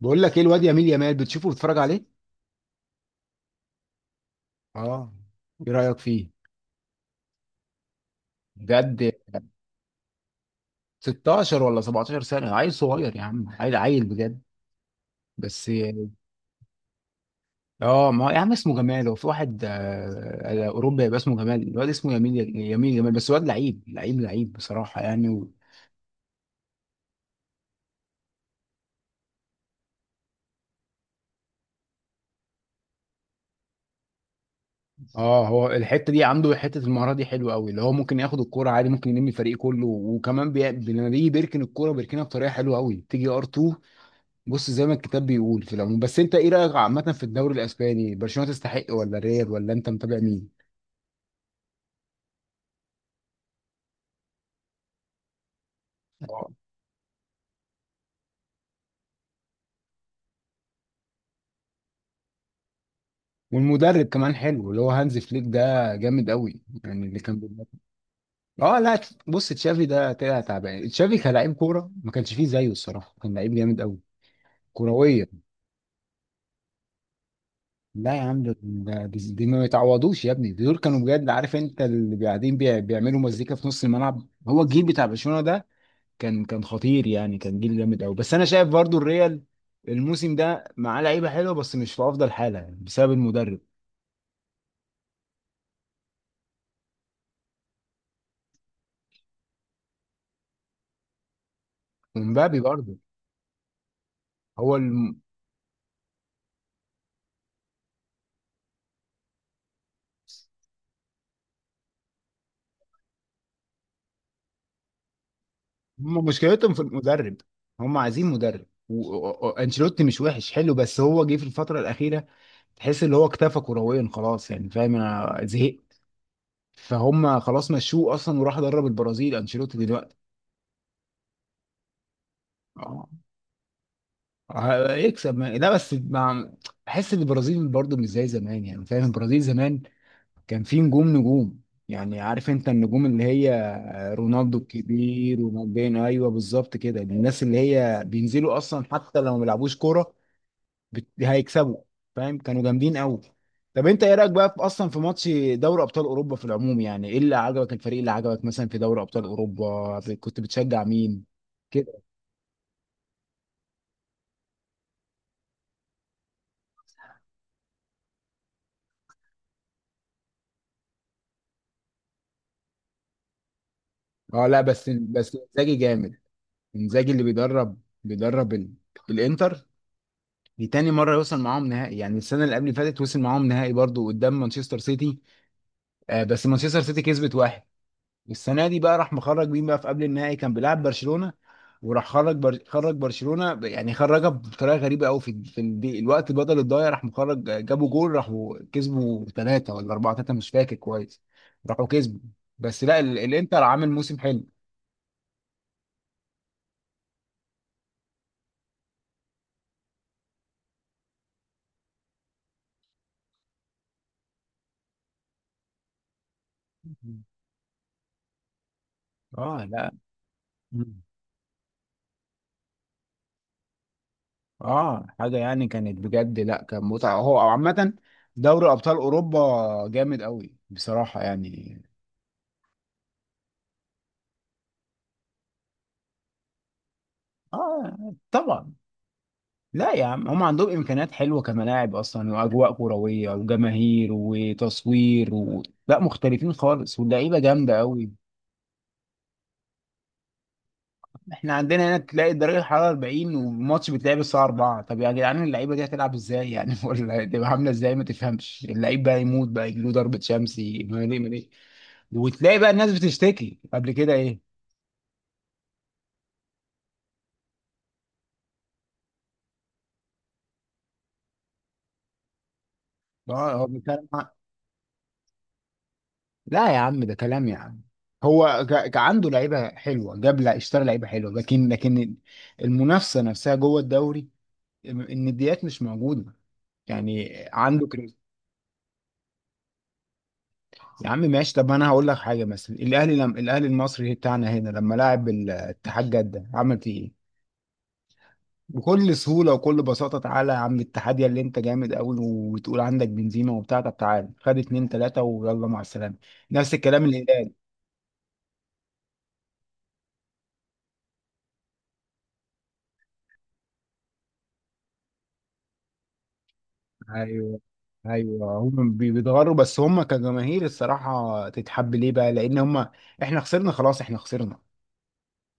بقول لك ايه الواد يميل يمال بتشوفه بتتفرج عليه. اه. ايه رأيك فيه؟ بجد؟ 16 ولا 17 سنة، عيل صغير يا عم، عيل بجد. بس. اه، ما يا عم اسمه جمال، هو في واحد اوروبا يبقى اسمه جمال، الواد اسمه يميل، جمال، بس الواد لعيب لعيب بصراحة يعني اه، هو الحتة دي، عنده حتة المهارة دي حلوة قوي، اللي هو ممكن ياخد الكورة عادي، ممكن يلم الفريق كله، وكمان لما بيجي بيركن الكورة بيركنها بطريقة حلوة قوي، تيجي ار2. بص زي ما الكتاب بيقول في العموم، بس انت ايه رايك عامه في الدوري الاسباني، برشلونه تستحق ولا ريال، ولا انت متابع مين؟ آه. والمدرب كمان حلو، اللي هو هانز فليك ده جامد قوي يعني، اللي كان بيدرب. اه لا. بص، تشافي ده طلع تعبان، تشافي كلاعب كوره ما كانش فيه زيه الصراحه، كان لعيب جامد قوي. كرويا. لا يا عم، دي ما يتعوضوش يا ابني، دول كانوا بجد، عارف انت اللي قاعدين بيعملوا مزيكا في نص الملعب، هو الجيل بتاع برشلونه ده كان خطير يعني، كان جيل جامد قوي. بس انا شايف برضو الريال الموسم ده معاه لعيبه حلوه، بس مش في افضل حاله يعني، بسبب المدرب. ومبابي برضو. هو الم... هم مشكلتهم في المدرب، هم عايزين مدرب، وانشيلوتي مش وحش، حلو، بس هو جه في الفتره الاخيره، تحس ان هو اكتفى كرويا خلاص يعني، فاهم؟ انا زهقت. فهم خلاص مشوه اصلا، وراح درب البرازيل انشيلوتي دلوقتي. اه. هيكسب ما... لا بس مع... بحس ان البرازيل برضو مش زي زمان يعني، فاهم؟ البرازيل زمان كان في نجوم، نجوم يعني، عارف انت النجوم اللي هي رونالدو الكبير، رونالدينho، ايوه بالظبط كده، الناس اللي هي بينزلوا اصلا حتى لو ما بيلعبوش كوره. هيكسبوا، فاهم؟ كانوا جامدين قوي. طب انت ايه رايك بقى في اصلا في ماتش دوري ابطال اوروبا في العموم؟ يعني ايه اللي عجبك، الفريق اللي عجبك مثلا في دوري ابطال اوروبا، كنت بتشجع مين؟ كده. اه لا، بس انزاجي جامد. انزاجي اللي بيدرب الانتر، دي تاني مرة يوصل معاهم نهائي يعني، السنة اللي قبل اللي فاتت وصل معاهم نهائي برضو قدام مانشستر سيتي. آه، بس مانشستر سيتي كسبت واحد. السنة دي بقى راح مخرج مين بقى، في قبل النهائي كان بيلعب برشلونة، خرج برشلونة يعني خرجها بطريقة غريبة قوي، في في الوقت بدل الضايع راح مخرج، جابوا جول، راحوا كسبوا ثلاثة ولا أربعة، ثلاثة مش فاكر كويس. راحوا كسبوا. بس لا ال... الإنتر عامل موسم حلو. اه لا، اه، حاجه يعني كانت بجد، لا كان متعه هو او عامه دوري ابطال اوروبا جامد قوي بصراحه يعني. اه. طبعا. لا يا عم، هم عندهم امكانيات حلوه، كملاعب اصلا، واجواء كرويه، وجماهير، وتصوير، لا مختلفين خالص، واللعيبه جامده قوي. احنا عندنا هنا تلاقي درجه الحراره 40، والماتش بيتلعب الساعه 4، طب يا جدعان اللعيبه دي هتلعب ازاي يعني؟ ولا هتبقى عامله ازاي؟ ما تفهمش اللعيب بقى يموت بقى، يجيله ضربه شمس، ما ليه ما ليه. وتلاقي بقى الناس بتشتكي قبل كده، ايه. اه، لا يا عم ده كلام يا عم، عنده لعيبه حلوه، جاب لا اشترى لعيبه حلوه، لكن المنافسه نفسها جوه الدوري، النديات مش موجوده يعني، عنده كريز. يا عم ماشي، طب انا هقول لك حاجه، مثلا الاهلي لم الاهلي المصري بتاعنا هنا، لما لعب الاتحاد جده عمل فيه ايه؟ بكل سهولة وكل بساطة. تعالى يا عم اتحاد يا اللي انت جامد قوي وتقول عندك بنزيما وبتاع، طب تعالى خد اتنين تلاتة ويلا مع السلامة. نفس الكلام الهلال. ايوه، ايوه هم بيتغروا، بس هم كجماهير الصراحة تتحب، ليه بقى؟ لان هم، احنا خسرنا خلاص، احنا خسرنا،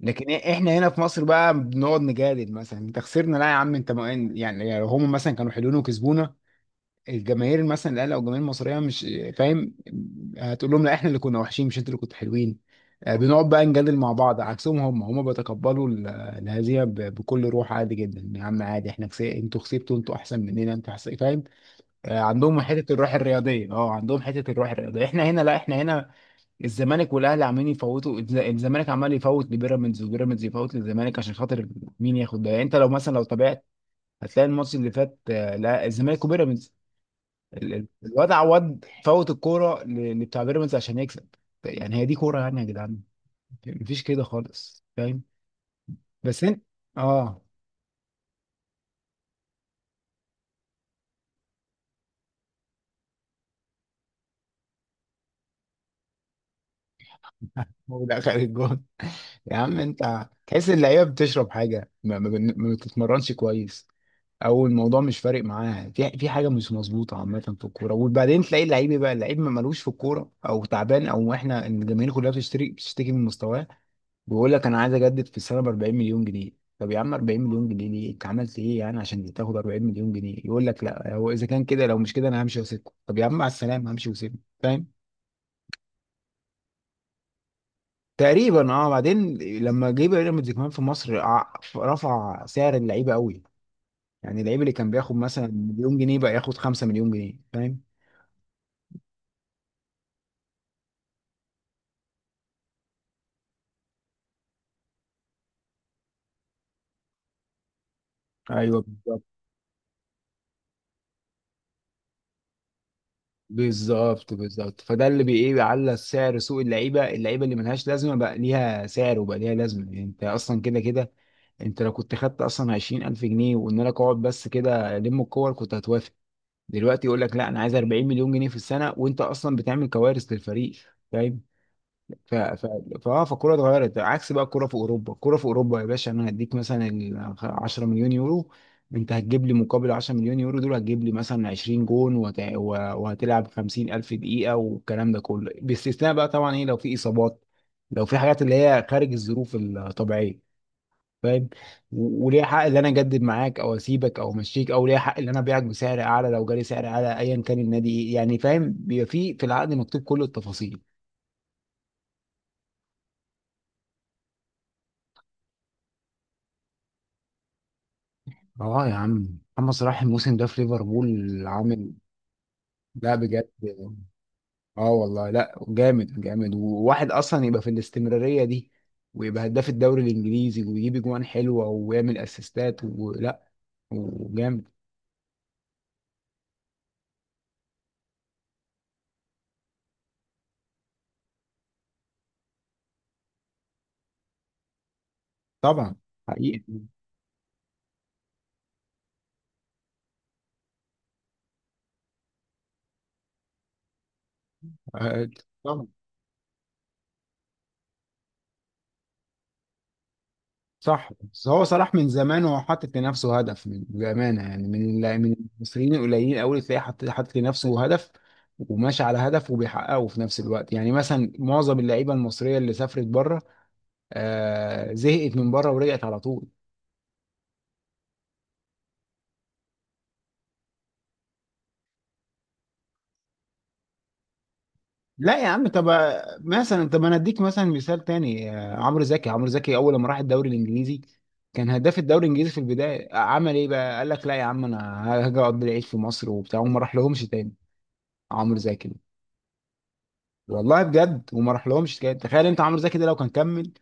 لكن احنا هنا في مصر بقى بنقعد نجادل، مثلا انت خسرنا، لا يا عم انت ما يعني، يعني هم مثلا كانوا حلوين وكسبونا، الجماهير مثلا الاهلي او الجماهير المصريه مش فاهم، هتقول لهم لا احنا اللي كنا وحشين، مش انتوا اللي كنتوا حلوين. بنقعد بقى نجادل مع بعض، عكسهم، هم بيتقبلوا الهزيمه بكل روح، عادي جدا يا عم، عادي، انتوا كسبتوا، انتوا احسن مننا، انتوا احسن، فاهم؟ عندهم حته الروح الرياضيه. اه عندهم حته الروح الرياضيه، احنا هنا لا، احنا هنا الزمالك والاهلي عمالين يفوتوا الزمالك عمال يفوت لبيراميدز، وبيراميدز يفوت للزمالك، عشان خاطر مين ياخد ده يعني؟ انت لو مثلا لو تابعت، هتلاقي الماتش اللي فات، آه، لا الزمالك وبيراميدز، الواد عواد فوت الكوره لبتاع بيراميدز عشان يكسب. يعني هي دي كوره يعني يا جدعان؟ مفيش كده خالص، فاهم؟ بس انت، اه، هو ده اخر الجون. يا عم انت تحس اللعيبه بتشرب حاجه، ما بتتمرنش كويس، او الموضوع مش فارق معاها، في في حاجه مش مظبوطه عامه في الكوره، وبعدين تلاقي اللعيب إيه بقى، اللعيب ما مالوش في الكوره او تعبان، او احنا الجماهير كلها بتشتكي من مستواه، بيقول لك انا عايز اجدد في السنه ب 40 مليون جنيه، طب يا عم 40 مليون جنيه ليه، انت عملت ايه يعني عشان تاخد 40 مليون جنيه؟ يقول لك لا هو اذا كان كده، لو مش كده انا همشي واسيبكم، طب يا عم مع السلامه همشي واسيبكم، فاهم؟ تقريبا اه. بعدين لما جه بيراميدز كمان في مصر، رفع سعر اللعيبه قوي، يعني اللعيب اللي كان بياخد مثلا مليون جنيه بقى ياخد 5 مليون جنيه، فاهم؟ ايوه، بالظبط بالظبط، فده اللي بي ايه، بيعلى سعر سوق اللعيبه، اللعيبه اللي ملهاش لازمه بقى ليها سعر، وبقى ليها لازمه، يعني انت اصلا كده كده، انت لو كنت خدت اصلا عشرين الف جنيه، وان انا اقعد بس كده الم الكور كنت هتوافق، دلوقتي يقول لك لا انا عايز 40 مليون جنيه في السنه، وانت اصلا بتعمل كوارث للفريق، فاهم؟ ف ف فاه فالكوره اتغيرت، عكس بقى الكوره في اوروبا، الكوره في اوروبا يا باشا، انا هديك مثلا ال 10 مليون يورو، انت هتجيب لي مقابل 10 مليون يورو دول، هتجيب لي مثلا 20 جون وهتلعب 50 الف دقيقه، والكلام ده كله باستثناء بقى طبعا ايه، لو في اصابات، لو في حاجات اللي هي خارج الظروف الطبيعيه، فاهم؟ وليه حق ان انا اجدد معاك او اسيبك او امشيك، او ليه حق ان انا ابيعك بسعر اعلى لو جالي سعر اعلى ايا كان النادي، ايه يعني؟ فاهم، بيبقى في في العقد مكتوب كل التفاصيل. اه يا عم محمد صلاح الموسم ده في ليفربول عامل. لا بجد. اه والله لا، جامد جامد، وواحد اصلا يبقى في الاستمراريه دي، ويبقى هداف الدوري الانجليزي، ويجيب اجوان حلوه، ويعمل اسيستات ولا، وجامد. طبعا. حقيقي. آه، طبعا. صح، بس هو صلاح من زمان هو حاطط لنفسه هدف، من بأمانة يعني، من من المصريين القليلين قوي تلاقيه حاطط، حاطط لنفسه هدف، وماشي على هدف وبيحققه في نفس الوقت، يعني مثلا معظم اللعيبة المصرية اللي سافرت بره، آه زهقت من بره ورجعت على طول. لا يا عم طب. مثلا، طب انا اديك مثلا مثال تاني، عمرو زكي، عمرو زكي اول ما راح الدوري الانجليزي كان هداف الدوري الانجليزي في البدايه، عمل ايه بقى؟ قال لك لا يا عم انا هاجي اقضي العيد في مصر وبتاع، وما راح لهمش تاني. عمرو زكي، والله بجد، وما راح لهمش، تخيل انت عمرو زكي ده لو كان كمل،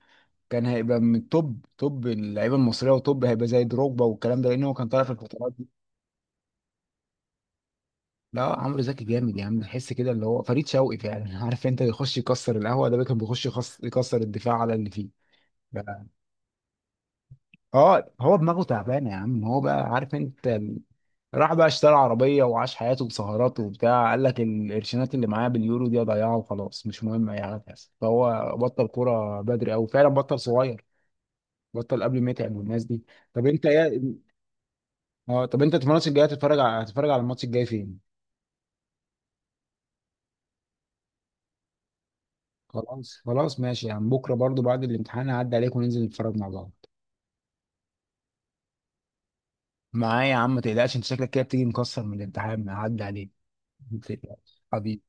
كان هيبقى من التوب توب اللعيبه المصريه، وتوب هيبقى زي دروجبا والكلام ده، لان هو كان طالع في الفترات دي. لا عمرو زكي جامد يا عم، تحس كده اللي هو فريد شوقي فعلا عارف انت، يخش يكسر القهوه ده، كان بيخش يكسر الدفاع على اللي فيه بقى. اه هو دماغه تعبانه يا عم، هو بقى، عارف انت راح بقى اشترى عربيه وعاش حياته بسهرات وبتاع، قال لك القرشينات اللي معايا باليورو دي اضيعها وخلاص، مش مهم اي حاجه تحصل، فهو بطل كوره بدري، او فعلا بطل صغير، بطل قبل ما يتعب، والناس دي. طب انت يا، اه، طب انت في الماتش الجاي هتتفرج على، هتتفرج على الماتش الجاي فين؟ خلاص خلاص ماشي يا عم، بكره برضو بعد الامتحان هعدي عليك وننزل نتفرج مع بعض. معايا يا عم ما تقلقش، انت شكلك كده بتيجي مكسر من الامتحان، هعدي عليك ما تقلقش حبيبي.